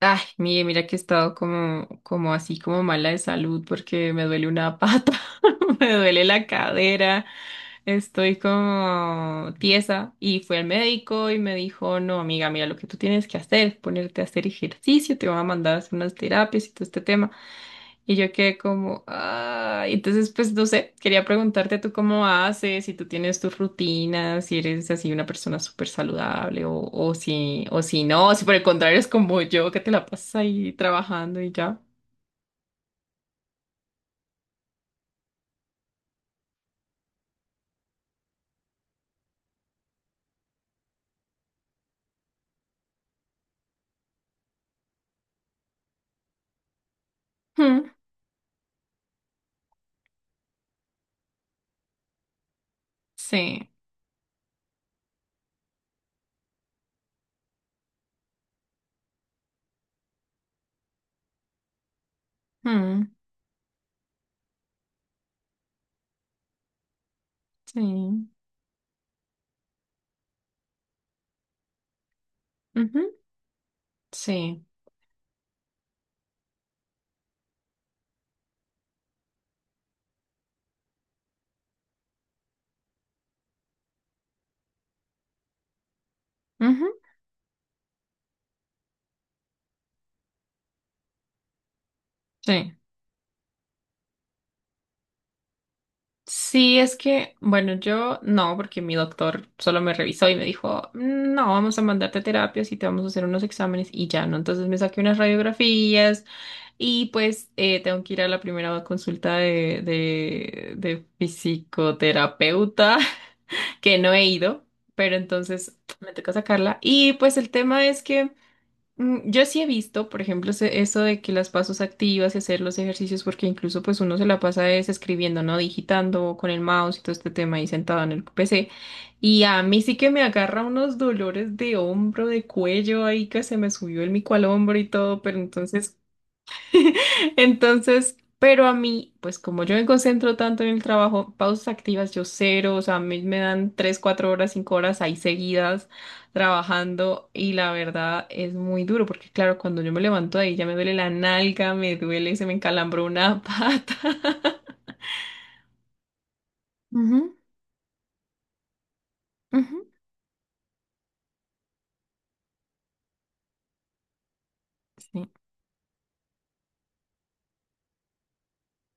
Ay, mire, mira que he estado como así, como mala de salud porque me duele una pata, me duele la cadera, estoy como tiesa y fui al médico y me dijo, no, amiga, mira, lo que tú tienes que hacer es ponerte a hacer ejercicio, te van a mandar a hacer unas terapias y todo este tema. Y yo quedé como, ah, entonces pues no sé, quería preguntarte tú cómo haces, si tú tienes tus rutinas, si eres así una persona súper saludable o si no, si por el contrario es como yo que te la pasas ahí trabajando y ya. Mm, sí, mm, sí, ujú, sí, ujú, sí. Sí, es que, bueno, yo no, porque mi doctor solo me revisó y me dijo, "Mm, no, vamos a mandarte a terapias y te vamos a hacer unos exámenes y ya, ¿no?" Entonces me saqué unas radiografías. Y pues tengo que ir a la primera consulta de psicoterapeuta, que no he ido, pero entonces me toca sacarla. Y pues el tema es que mm, yo sí he visto, por ejemplo, eso de que las pasos activas y hacer los ejercicios, porque incluso pues uno se la pasa es escribiendo, ¿no? Digitando con el mouse y todo este tema ahí sentado en el PC. Y a mí sí que me agarra unos dolores de hombro, de cuello ahí que se me subió el mico al hombro y todo, pero entonces... Entonces, pero a mí, pues como yo me concentro tanto en el trabajo, pausas activas yo cero, o sea, a mí me dan 3, 4 horas, 5 horas ahí seguidas trabajando y la verdad es muy duro porque claro, cuando yo me levanto de ahí ya me duele la nalga, me duele, se me encalambró una pata. Ujú, ujú. Sí,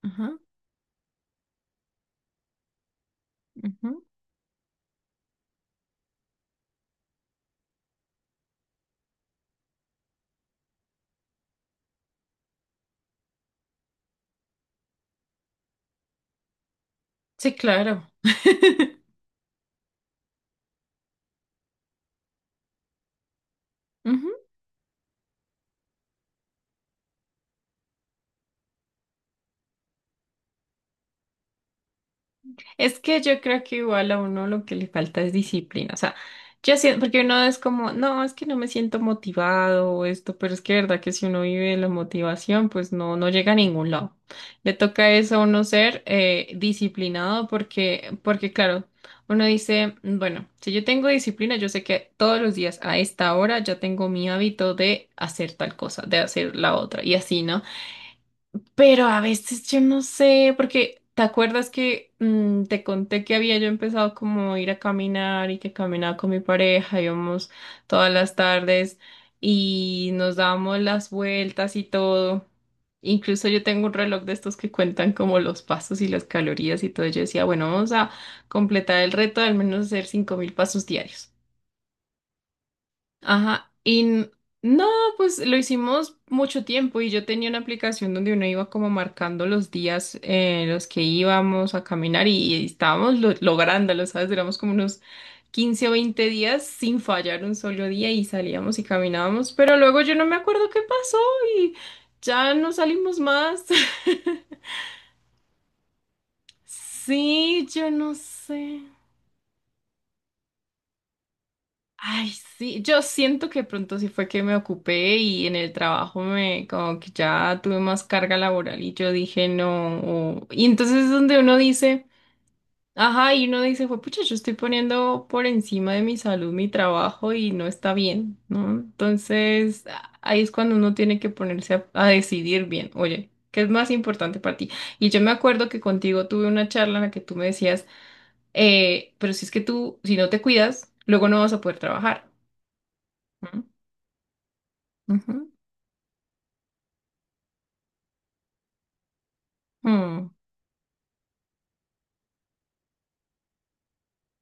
ajá, ujú. Sí, claro. Es que yo creo que igual a uno lo que le falta es disciplina. O sea, yo siento, porque uno es como, no, es que no me siento motivado o esto, pero es que verdad que si uno vive la motivación, pues no, no llega a ningún lado. Le toca eso a uno ser disciplinado porque, porque claro, uno dice, bueno, si yo tengo disciplina, yo sé que todos los días a esta hora ya tengo mi hábito de hacer tal cosa, de hacer la otra, y así, ¿no? Pero a veces yo no sé, porque ¿te acuerdas que te conté que había yo empezado como a ir a caminar y que caminaba con mi pareja, íbamos todas las tardes y nos dábamos las vueltas y todo? Incluso yo tengo un reloj de estos que cuentan como los pasos y las calorías y todo. Yo decía, bueno, vamos a completar el reto de al menos hacer 5.000 pasos diarios. Ajá, no, pues lo hicimos mucho tiempo y yo tenía una aplicación donde uno iba como marcando los días en los que íbamos a caminar y estábamos lográndolo, ¿sabes? Duramos como unos 15 o 20 días sin fallar un solo día y salíamos y caminábamos, pero luego yo no me acuerdo qué pasó y ya no salimos más. Sí, yo no sé. Ay, sí, yo siento que pronto sí fue que me ocupé y en el trabajo me como que ya tuve más carga laboral y yo dije no. Y entonces es donde uno dice, ajá, y uno dice, pues pucha, yo estoy poniendo por encima de mi salud mi trabajo y no está bien, ¿no? Entonces ahí es cuando uno tiene que ponerse a decidir bien, oye, ¿qué es más importante para ti? Y yo me acuerdo que contigo tuve una charla en la que tú me decías, pero si es que tú, si no te cuidas, luego no vas a poder trabajar. ¿No? Ujú, mm,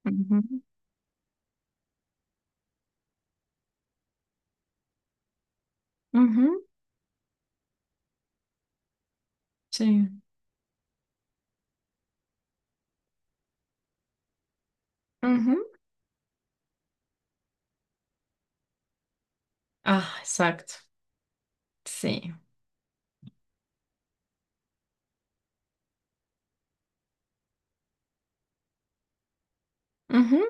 ujú, ujú, sí. Ujú. Ah, exacto. Sí. Ujú,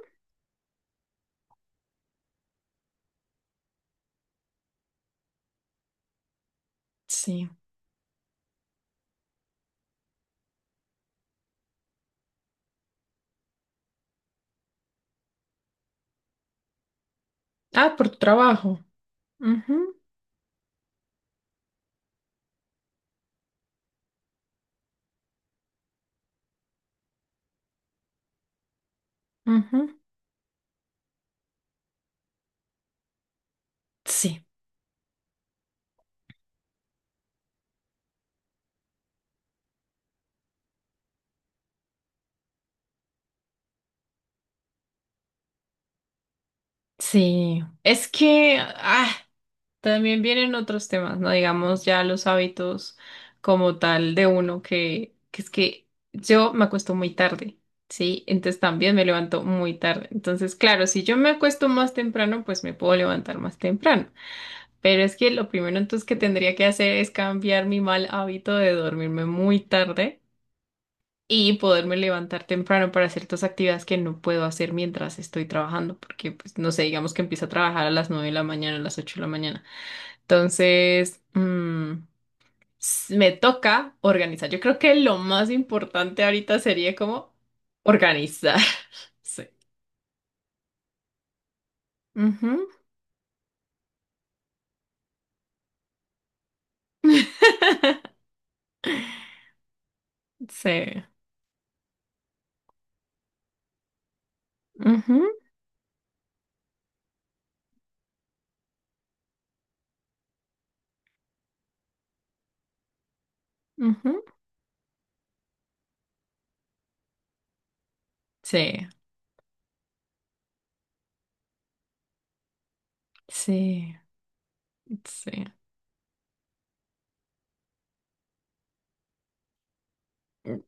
sí. Ah, por tu trabajo. Ujú, ujú. Sí. Sí. Es que ah, también vienen otros temas, ¿no? Digamos ya los hábitos como tal de uno que es que yo me acuesto muy tarde. Sí, entonces también me levanto muy tarde. Entonces, claro, si yo me acuesto más temprano, pues me puedo levantar más temprano. Pero es que lo primero entonces que tendría que hacer es cambiar mi mal hábito de dormirme muy tarde y poderme levantar temprano para ciertas actividades que no puedo hacer mientras estoy trabajando, porque pues no sé, digamos que empiezo a trabajar a las 9 de la mañana, a las 8 de la mañana. Entonces, mm, me toca organizar. Yo creo que lo más importante ahorita sería como organizar. Sí. Ujú. Sí. Ujú, ujú. Sí, sí, sí.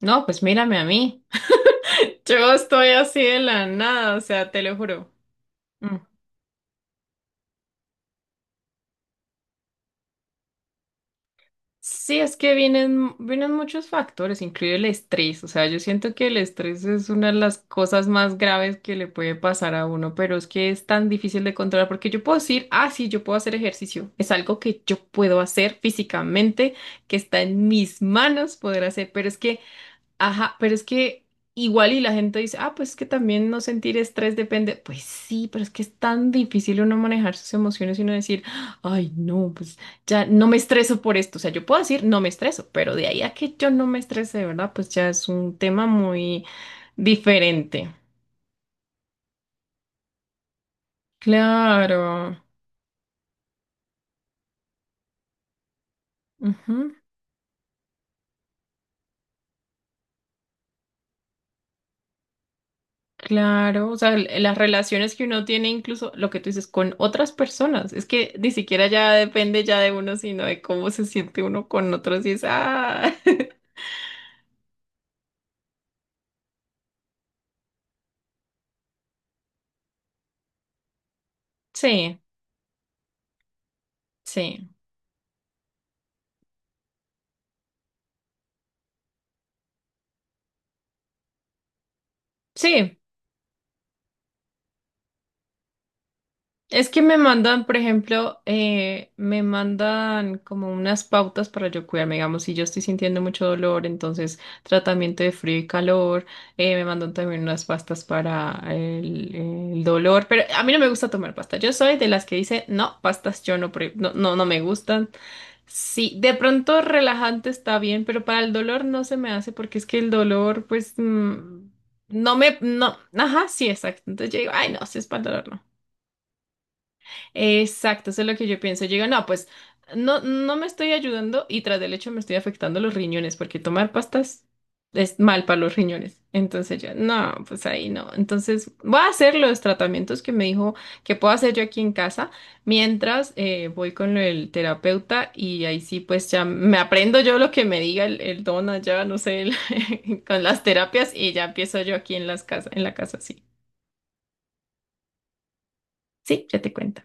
No, pues mírame a mí. Yo estoy así de la nada, o sea, te lo juro. Mm. Sí, es que vienen, vienen muchos factores, incluye el estrés. O sea, yo siento que el estrés es una de las cosas más graves que le puede pasar a uno, pero es que es tan difícil de controlar porque yo puedo decir, ah, sí, yo puedo hacer ejercicio. Es algo que yo puedo hacer físicamente, que está en mis manos poder hacer, pero es que... Ajá, pero es que igual y la gente dice, ah, pues es que también no sentir estrés depende. Pues sí, pero es que es tan difícil uno manejar sus emociones y uno decir, ay, no, pues ya no me estreso por esto. O sea, yo puedo decir no me estreso, pero de ahí a que yo no me estrese, de ¿verdad? Pues ya es un tema muy diferente. Claro. Ujú. Claro, o sea, las relaciones que uno tiene incluso lo que tú dices con otras personas, es que ni siquiera ya depende ya de uno, sino de cómo se siente uno con otros y es, ah, sí, sí, sí. Es que me mandan, por ejemplo, me mandan como unas pautas para yo cuidarme, digamos, si yo estoy sintiendo mucho dolor, entonces tratamiento de frío y calor, me mandan también unas pastas para el dolor, pero a mí no me gusta tomar pasta, yo soy de las que dice, no, pastas yo no, no, no, no me gustan. Sí, de pronto relajante está bien, pero para el dolor no se me hace porque es que el dolor, pues, mm, no me, no, ajá, sí, exacto. Entonces yo digo, ay, no, si es para el dolor, no. Exacto, eso es lo que yo pienso. Yo digo, no, pues no, no me estoy ayudando y tras del hecho me estoy afectando los riñones porque tomar pastas es mal para los riñones. Entonces yo, no, pues ahí no. Entonces voy a hacer los tratamientos que me dijo que puedo hacer yo aquí en casa mientras voy con el terapeuta y ahí sí, pues ya me aprendo yo lo que me diga el don allá, no sé, con las terapias y ya empiezo yo aquí en las casas, en la casa, sí. Sí, ya te cuento.